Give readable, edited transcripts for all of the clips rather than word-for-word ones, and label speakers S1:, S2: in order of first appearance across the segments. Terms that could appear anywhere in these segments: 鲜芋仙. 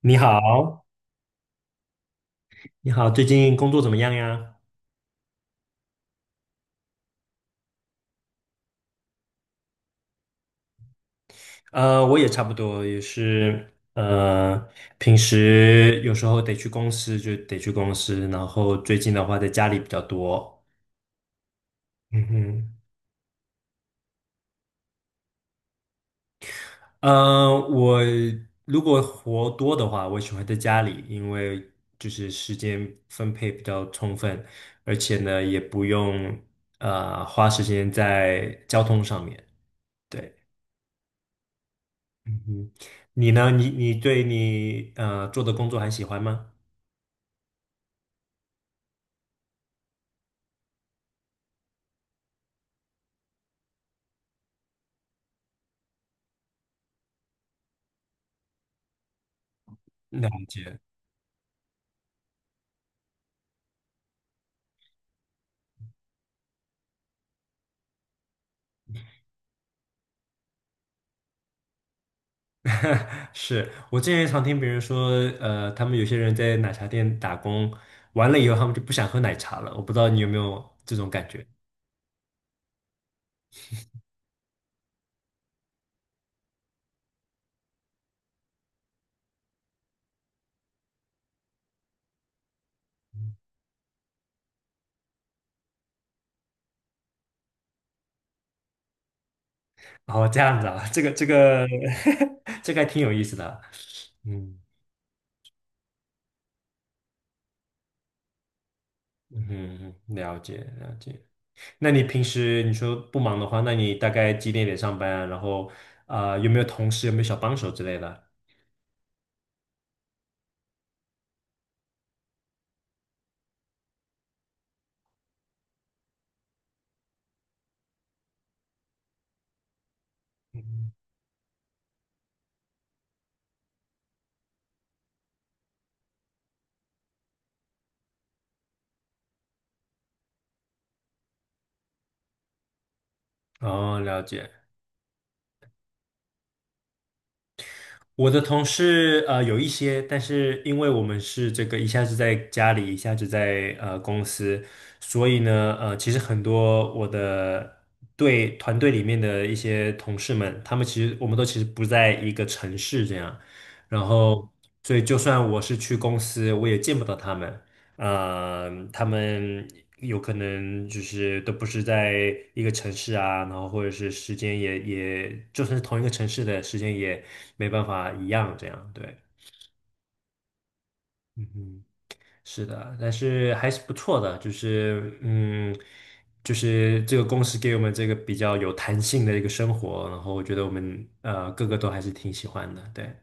S1: 你好，你好，最近工作怎么样呀？我也差不多，也是，平时有时候得去公司就得去公司，然后最近的话在家里比较多。嗯哼。我如果活多的话，我喜欢在家里，因为就是时间分配比较充分，而且呢也不用花时间在交通上面。对。嗯，你呢？你对你做的工作还喜欢吗？了解。是我之前常听别人说，他们有些人在奶茶店打工，完了以后他们就不想喝奶茶了。我不知道你有没有这种感觉？哦，这样子啊，这个 这个还挺有意思的啊。嗯，嗯哼，了解了解。那你平时你说不忙的话，那你大概几点上班啊然后啊有没有同事，有没有小帮手之类的？嗯。哦，了解。我的同事有一些，但是因为我们是这个一下子在家里，一下子在公司，所以呢，其实很多我的对团队里面的一些同事们，他们其实我们都其实不在一个城市这样，然后所以就算我是去公司，我也见不到他们，嗯，他们有可能就是都不是在一个城市啊，然后或者是时间也，就算是同一个城市的时间也没办法一样，这样对。嗯哼。是的，但是还是不错的，就是这个公司给我们这个比较有弹性的一个生活，然后我觉得我们个个都还是挺喜欢的。对。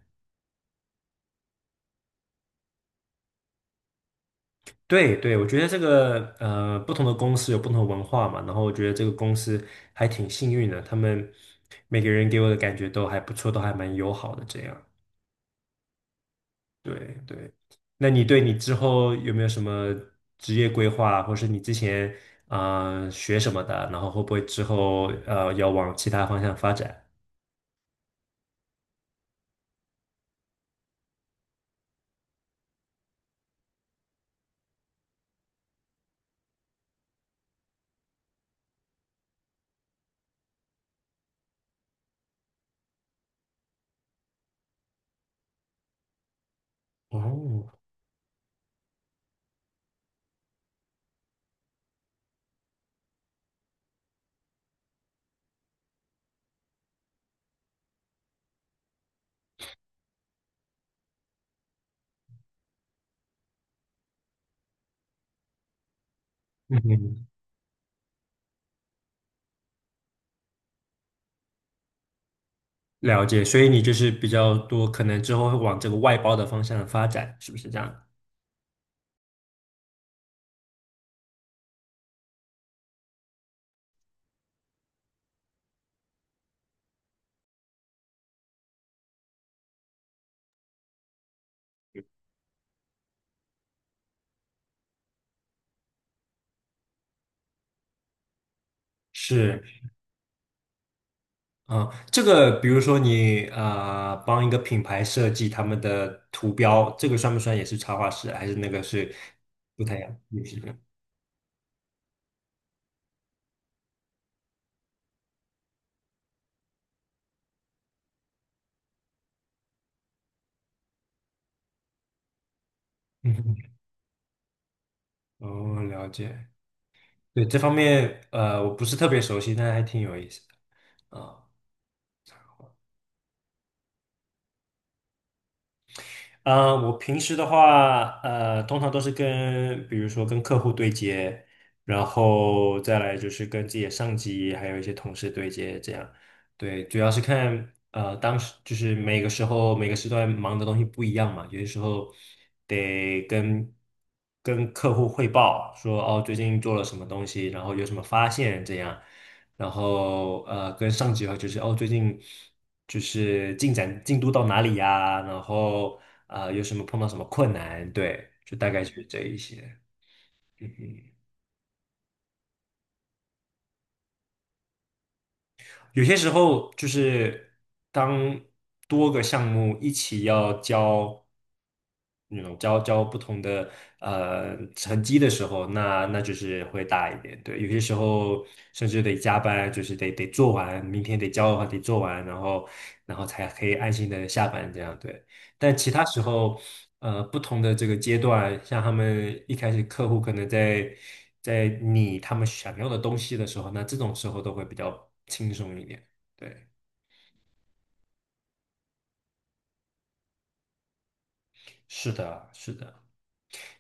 S1: 对对，我觉得这个不同的公司有不同的文化嘛，然后我觉得这个公司还挺幸运的，他们每个人给我的感觉都还不错，都还蛮友好的这样。对对。那你对你之后有没有什么职业规划，或是你之前啊学什么的，然后会不会之后要往其他方向发展？哦，嗯，了解，所以你就是比较多，可能之后会往这个外包的方向发展，是不是这样？是。嗯，这个比如说你啊，帮一个品牌设计他们的图标，这个算不算也是插画师？还是那个是不太一样？也是。嗯。哦，了解。对，这方面我不是特别熟悉，但还挺有意思的。啊。啊，我平时的话，通常都是跟，比如说跟客户对接，然后再来就是跟自己的上级，还有一些同事对接，这样。对，主要是看，当时就是每个时候每个时段忙的东西不一样嘛，有些时候得跟客户汇报说，哦，最近做了什么东西，然后有什么发现，这样。然后跟上级的话就是哦，最近就是进展进度到哪里呀？然后啊，有什么碰到什么困难？对，就大概就是这一些。嗯哼。有些时候就是当多个项目一起要交。那种交不同的成绩的时候，那就是会大一点。对，有些时候甚至得加班，就是得做完，明天得交的话得做完，然后才可以安心的下班这样。对，但其他时候，不同的这个阶段，像他们一开始客户可能在拟他们想要的东西的时候，那这种时候都会比较轻松一点。对，是的，是的。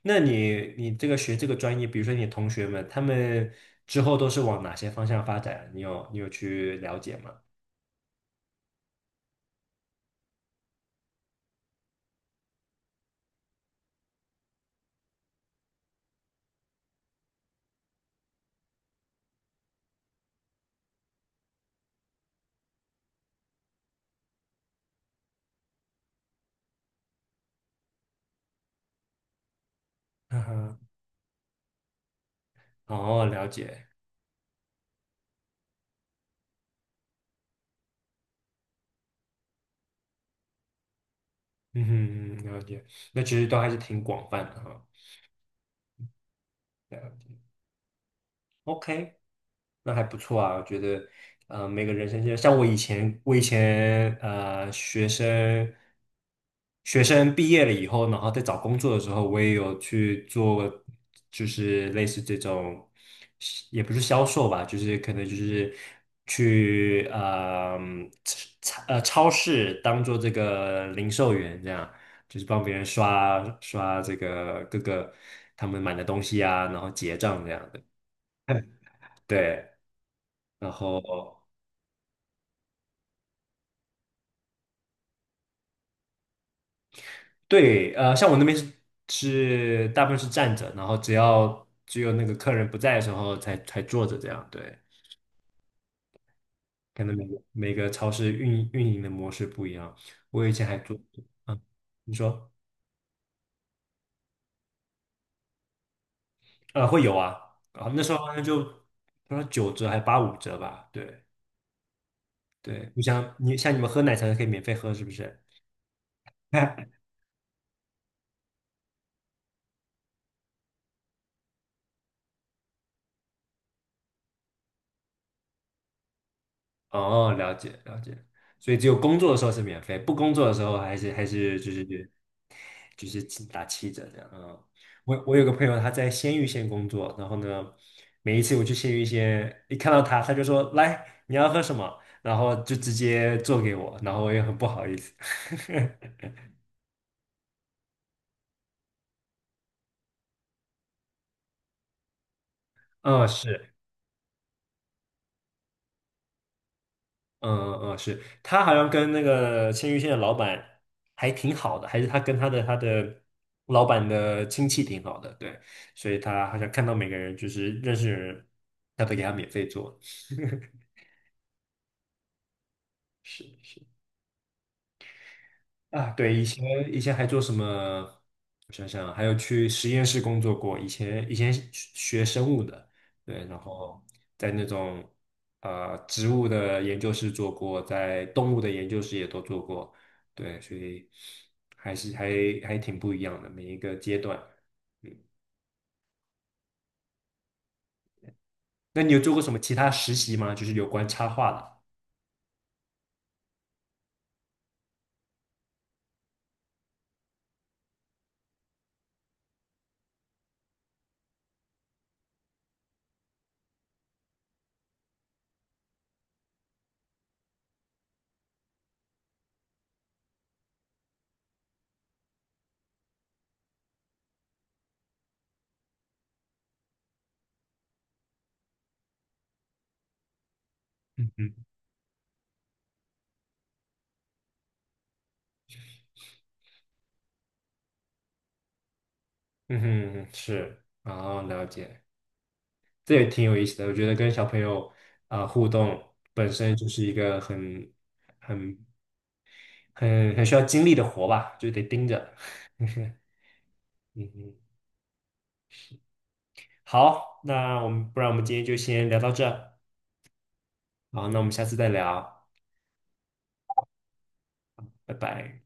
S1: 那你这个学这个专业，比如说你同学们，他们之后都是往哪些方向发展？你有去了解吗？嗯哼。哦，了解。嗯哼。嗯了解，那其实都还是挺广泛的哈。了解，OK，那还不错啊，我觉得，每个人生阶段像我以前学生毕业了以后，然后在找工作的时候，我也有去做，就是类似这种，也不是销售吧，就是可能就是去超市当做这个零售员这样，就是帮别人刷这个各个他们买的东西啊，然后结账这样的。对。然后对，像我那边是是大部分是站着，然后只有那个客人不在的时候才坐着这样。对，可能每个超市运营的模式不一样。我以前还做，嗯，你说。会有啊，啊，那时候好像就不知道9折还8.5折吧？对。对，你像你们喝奶茶可以免费喝是不是？哦，了解了解，所以只有工作的时候是免费，不工作的时候还是就是就是打7折这样啊。我有个朋友他在鲜芋仙工作，然后呢，每一次我去鲜芋仙，一看到他就说来你要喝什么，然后就直接做给我，然后我也很不好意思。嗯，是。嗯嗯，是他好像跟那个鲜芋仙的老板还挺好的，还是他跟他的老板的亲戚挺好的，对，所以他好像看到每个人就是认识的人，他都给他免费做。是是。啊，对，以前还做什么？我想想，还有去实验室工作过。以前是学生物的，对，然后在那种植物的研究室做过，在动物的研究室也都做过，对，所以还是还还挺不一样的每一个阶段。嗯，那你有做过什么其他实习吗？就是有关插画的。嗯。嗯哼。是，然后了解。这也挺有意思的。我觉得跟小朋友啊互动本身就是一个很很需要精力的活吧，就得盯着。嗯。嗯，好，那不然我们今天就先聊到这儿。好，那我们下次再聊，拜拜。